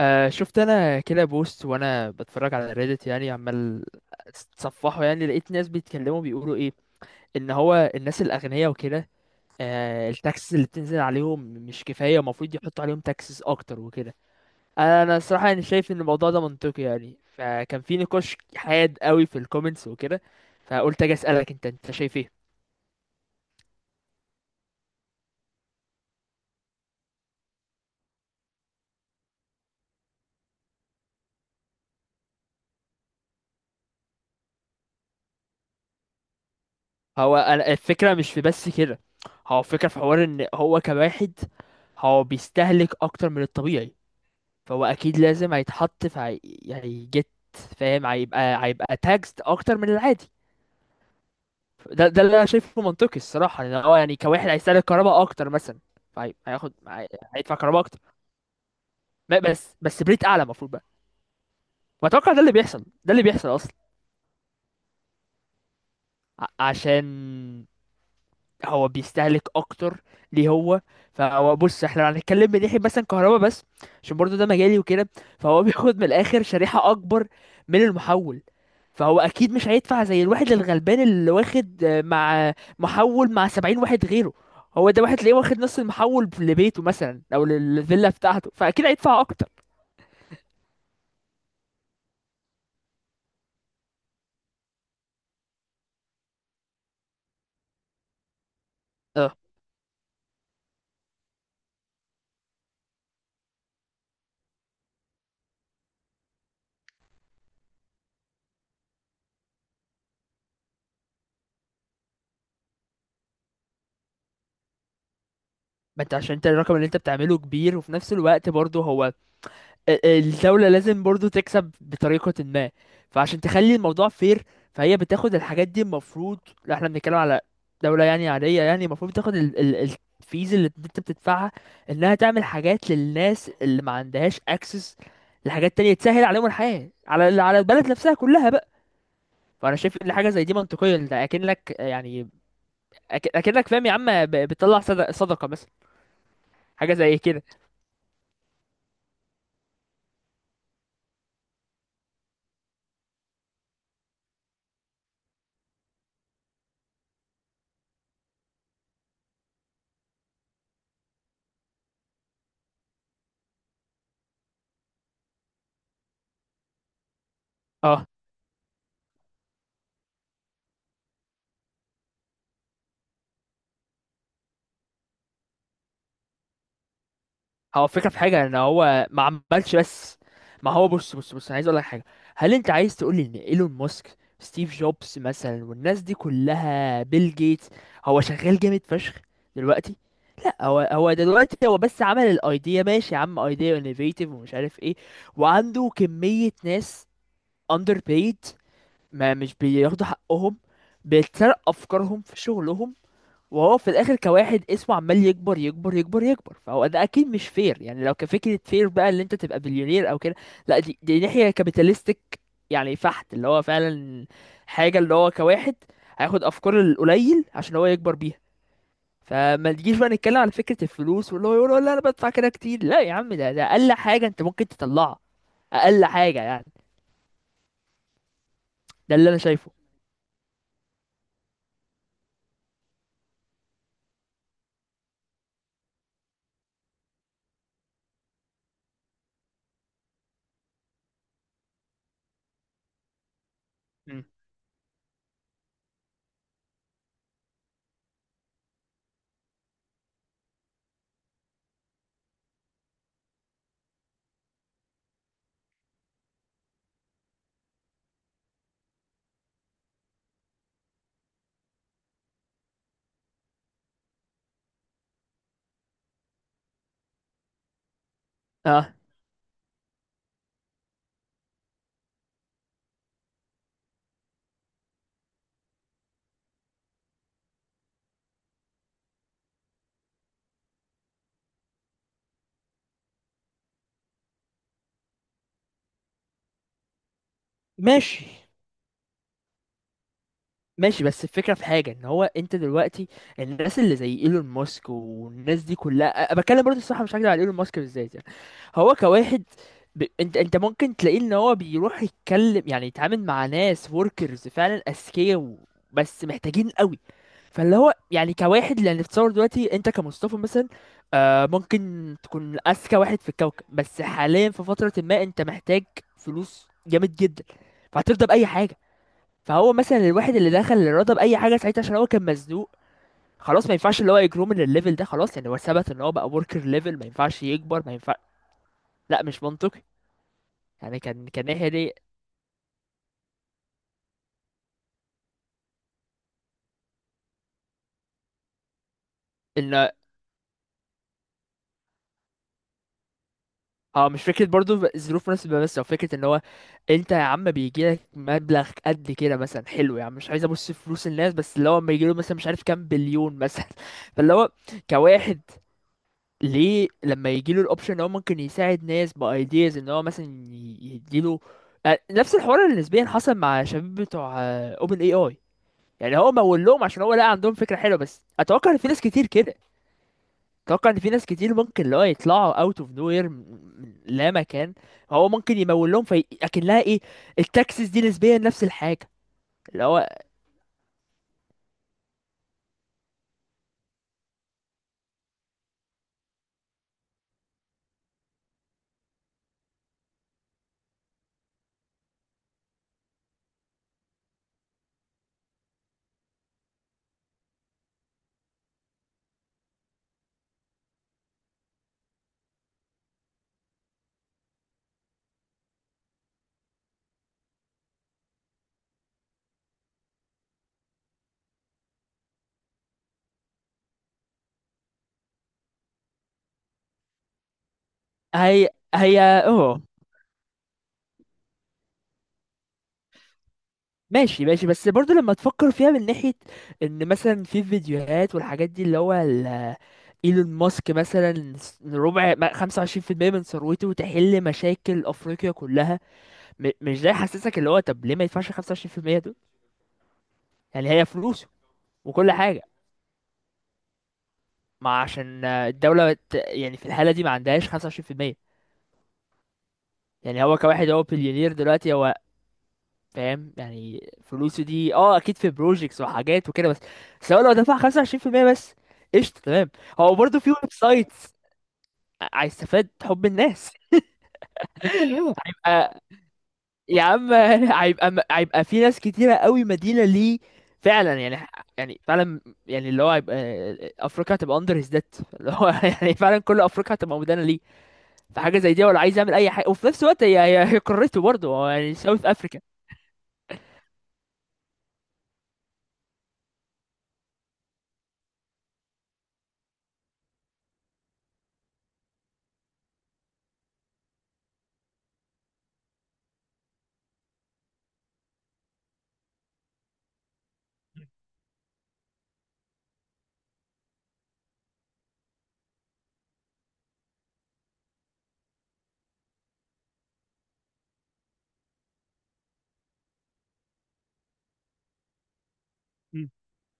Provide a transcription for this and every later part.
آه، شفت انا كده بوست وانا بتفرج على ريدت، يعني عمال اتصفحه، يعني لقيت ناس بيتكلموا بيقولوا ايه، ان هو الناس الاغنياء وكده. آه، التاكسز اللي بتنزل عليهم مش كفايه، المفروض يحطوا عليهم تاكسز اكتر وكده. انا الصراحه يعني شايف ان الموضوع ده منطقي، يعني فكان في نقاش حاد قوي في الكومنتس وكده، فقلت اجي اسالك انت شايف ايه؟ هو انا الفكره مش في بس كده، هو الفكره في حوار ان هو كواحد، هو بيستهلك اكتر من الطبيعي، فهو اكيد لازم هيتحط في هيجت، فاهم؟ هيبقى تاكسد اكتر من العادي. ده اللي انا شايفه منطقي الصراحه، لأن هو يعني كواحد هيستهلك كهرباء اكتر مثلا، هياخد هيدفع كهرباء اكتر. بس بريت اعلى المفروض بقى، واتوقع ده اللي بيحصل، ده اللي بيحصل اصلا. عشان هو بيستهلك اكتر. ليه هو؟ فهو بص، احنا لو هنتكلم من ناحيه مثلا كهرباء بس، عشان برضو ده مجالي وكده، فهو بياخد من الاخر شريحه اكبر من المحول. فهو اكيد مش هيدفع زي الواحد الغلبان اللي واخد، مع محول مع 70 واحد غيره. هو ده واحد تلاقيه واخد نص المحول لبيته مثلا، او للفيلا بتاعته، فاكيد هيدفع اكتر. اه، ما انت عشان انت الرقم اللي انت بتعمله كبير، وفي نفس الوقت برضه هو الدولة لازم برضو تكسب بطريقة ما، فعشان تخلي الموضوع فير، فهي بتاخد الحاجات دي المفروض. لا، احنا بنتكلم على دولة يعني عادية، يعني المفروض تاخد ال الفيز اللي انت بتدفعها، انها تعمل حاجات للناس اللي ما عندهاش اكسس لحاجات تانية تسهل عليهم الحياة، على البلد نفسها كلها بقى. فانا شايف ان حاجة زي دي منطقية، انت اكنك يعني اكنك فاهم يا عم، بتطلع صدقة مثلا، حاجة زي كده. اه، هو الفكرة في حاجة ان هو ما عملش بس. ما هو، بص بص بص، انا عايز اقول لك حاجة. هل انت عايز تقول لي ان ايلون ماسك، ستيف جوبز مثلا، والناس دي كلها، بيل جيتس، هو شغال جامد فشخ دلوقتي؟ لا، هو دلوقتي هو بس عمل الايديا، ماشي يا عم، ايديا انوفيتيف ومش عارف ايه، وعنده كمية ناس اندر بيد، ما مش بياخدوا حقهم، بيتسرق افكارهم في شغلهم، وهو في الاخر كواحد اسمه عمال يكبر يكبر يكبر يكبر، فهو ده اكيد مش فير، يعني لو كفكره فير بقى اللي انت تبقى بليونير او كده. لا، دي ناحيه كابيتالستيك، يعني فحت اللي هو فعلا حاجه، اللي هو كواحد هياخد افكار القليل عشان هو يكبر بيها. فما تجيش بقى نتكلم على فكره الفلوس، واللي هو يقول لا انا بدفع كده كتير. لا يا عم، ده اقل حاجه انت ممكن تطلعها، اقل حاجه يعني. ده اللي انا شايفه. مم. اه. ماشي، ماشي، بس الفكرة في حاجة ان هو انت دلوقتي، الناس اللي زي ايلون ماسك والناس دي كلها بتكلم برضه، الصراحة مش هكدب، على ايلون ماسك بالذات يعني. هو كواحد، انت ممكن تلاقيه ان هو بيروح يتكلم، يعني يتعامل مع ناس وركرز فعلا اذكياء و... بس محتاجين قوي. فاللي هو يعني كواحد، لان تصور دلوقتي انت كمصطفى مثلا، آه، ممكن تكون اذكى واحد في الكوكب، بس حاليا في فترة ما انت محتاج فلوس جامد جدا، فهترضى بأي حاجة. فهو مثلا الواحد اللي دخل الرياضه باي حاجه ساعتها عشان هو كان مزنوق، خلاص، ما ينفعش اللي هو يجرو من الليفل ده خلاص، يعني هو ثبت ان هو بقى وركر ليفل، ما ينفعش يكبر، ما ينفع. لا، مش منطقي، يعني كان ناحيه دي. ان، اه، مش فكره برضو الظروف مناسبه بس، او فكره ان هو، انت يا عم بيجي لك مبلغ قد كده مثلا حلو، يعني مش عايز ابص في فلوس الناس، بس اللي هو لما يجي له مثلا مش عارف كام بليون مثلا فاللي هو كواحد، ليه لما يجيله الاوبشن ان هو ممكن يساعد ناس بايدياز، ان هو مثلا يديله، نفس الحوار اللي نسبيا حصل مع شباب بتوع اوبن اي اي، يعني هو مول لهم عشان هو لقى عندهم فكره حلوه، بس اتوقع ان في ناس كتير كده، اتوقع ان في ناس كتير ممكن اللي هو يطلعوا اوت اوف نوير من لا مكان، هو ممكن يمول لهم، في اكنها ايه، التاكسس دي نسبيا نفس الحاجه. اللي هو، هي هي، ماشي، ماشي، بس برضو لما تفكر فيها من ناحية ان مثلا في فيديوهات والحاجات دي، اللي هو ايلون ماسك مثلا ربع 25% من ثروته تحل مشاكل افريقيا كلها. مش ده يحسسك؟ اللي هو طب ليه ما يدفعش 25% دول؟ يعني هي فلوسه وكل حاجة. ما عشان الدولة يعني في الحالة دي ما عندهاش 25%، يعني هو كواحد، هو بليونير دلوقتي، هو فاهم، يعني فلوسه دي اه اكيد في بروجيكتس وحاجات وكده، بس بس هو لو دفع 25% بس، قشطه تمام. هو برضه في ويب سايتس. هيستفاد حب الناس. ايوه، هيبقى، يا عم هيبقى في ناس كتيره قوي مدينه ليه، فعلا يعني، يعني فعلا، يعني اللي هو هيبقى، افريقيا هتبقى اندر هيز ديت، اللي هو يعني فعلا كل افريقيا هتبقى مدانه ليه. فحاجه زي دي، ولا عايز يعمل اي حاجه؟ وفي نفس الوقت هي قارته برضه هو، يعني ساوث افريكا.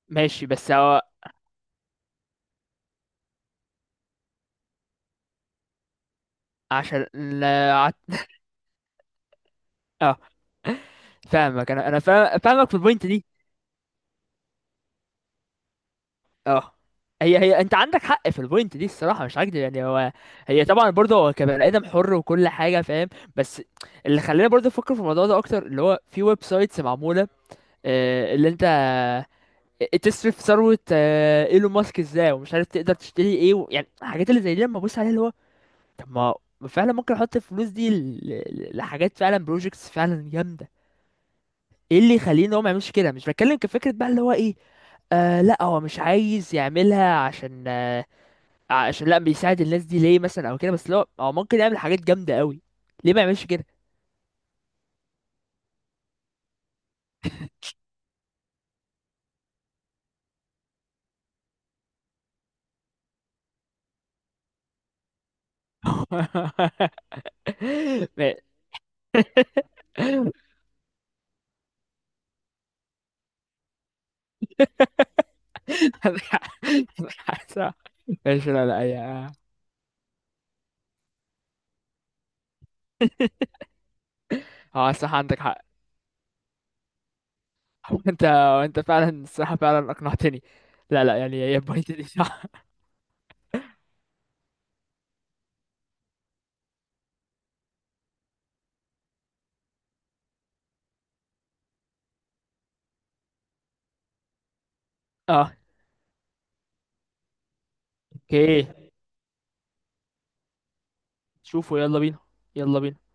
ماشي بس هو عشان، اه، فاهمك، انا فاهمك في البوينت دي. اه، هي، انت عندك حق في البوينت دي الصراحه، مش هكدب، يعني هو، هي طبعا برضه هو كبني ادم حر، وكل حاجه فاهم. بس اللي خلاني برضه افكر في الموضوع ده اكتر، اللي هو في ويب سايتس معموله، اللي انت تصرف ثروه ايلون ماسك ازاي، ومش عارف تقدر تشتري ايه و... يعني الحاجات اللي زي دي لما ابص عليها اللي هو، طب ما فعلا ممكن احط الفلوس دي لحاجات فعلا، بروجكتس فعلا جامده. ايه اللي يخليني هو ما يعملش كده؟ مش بتكلم كفكره بقى اللي هو ايه، آه لا، هو مش عايز يعملها عشان، عشان لا بيساعد الناس دي ليه مثلا او كده، بس لو هو ممكن يعمل حاجات جامده قوي، ليه ما يعملش كده؟ ما- ماشي، لا لا يا، اه صح، عندك حق. انت انت فعلا الصراحه فعلا اقنعتني. لا لا، يعني هي البوينت دي صح. اه، اوكي، شوفوا، يلا بينا، يلا بينا.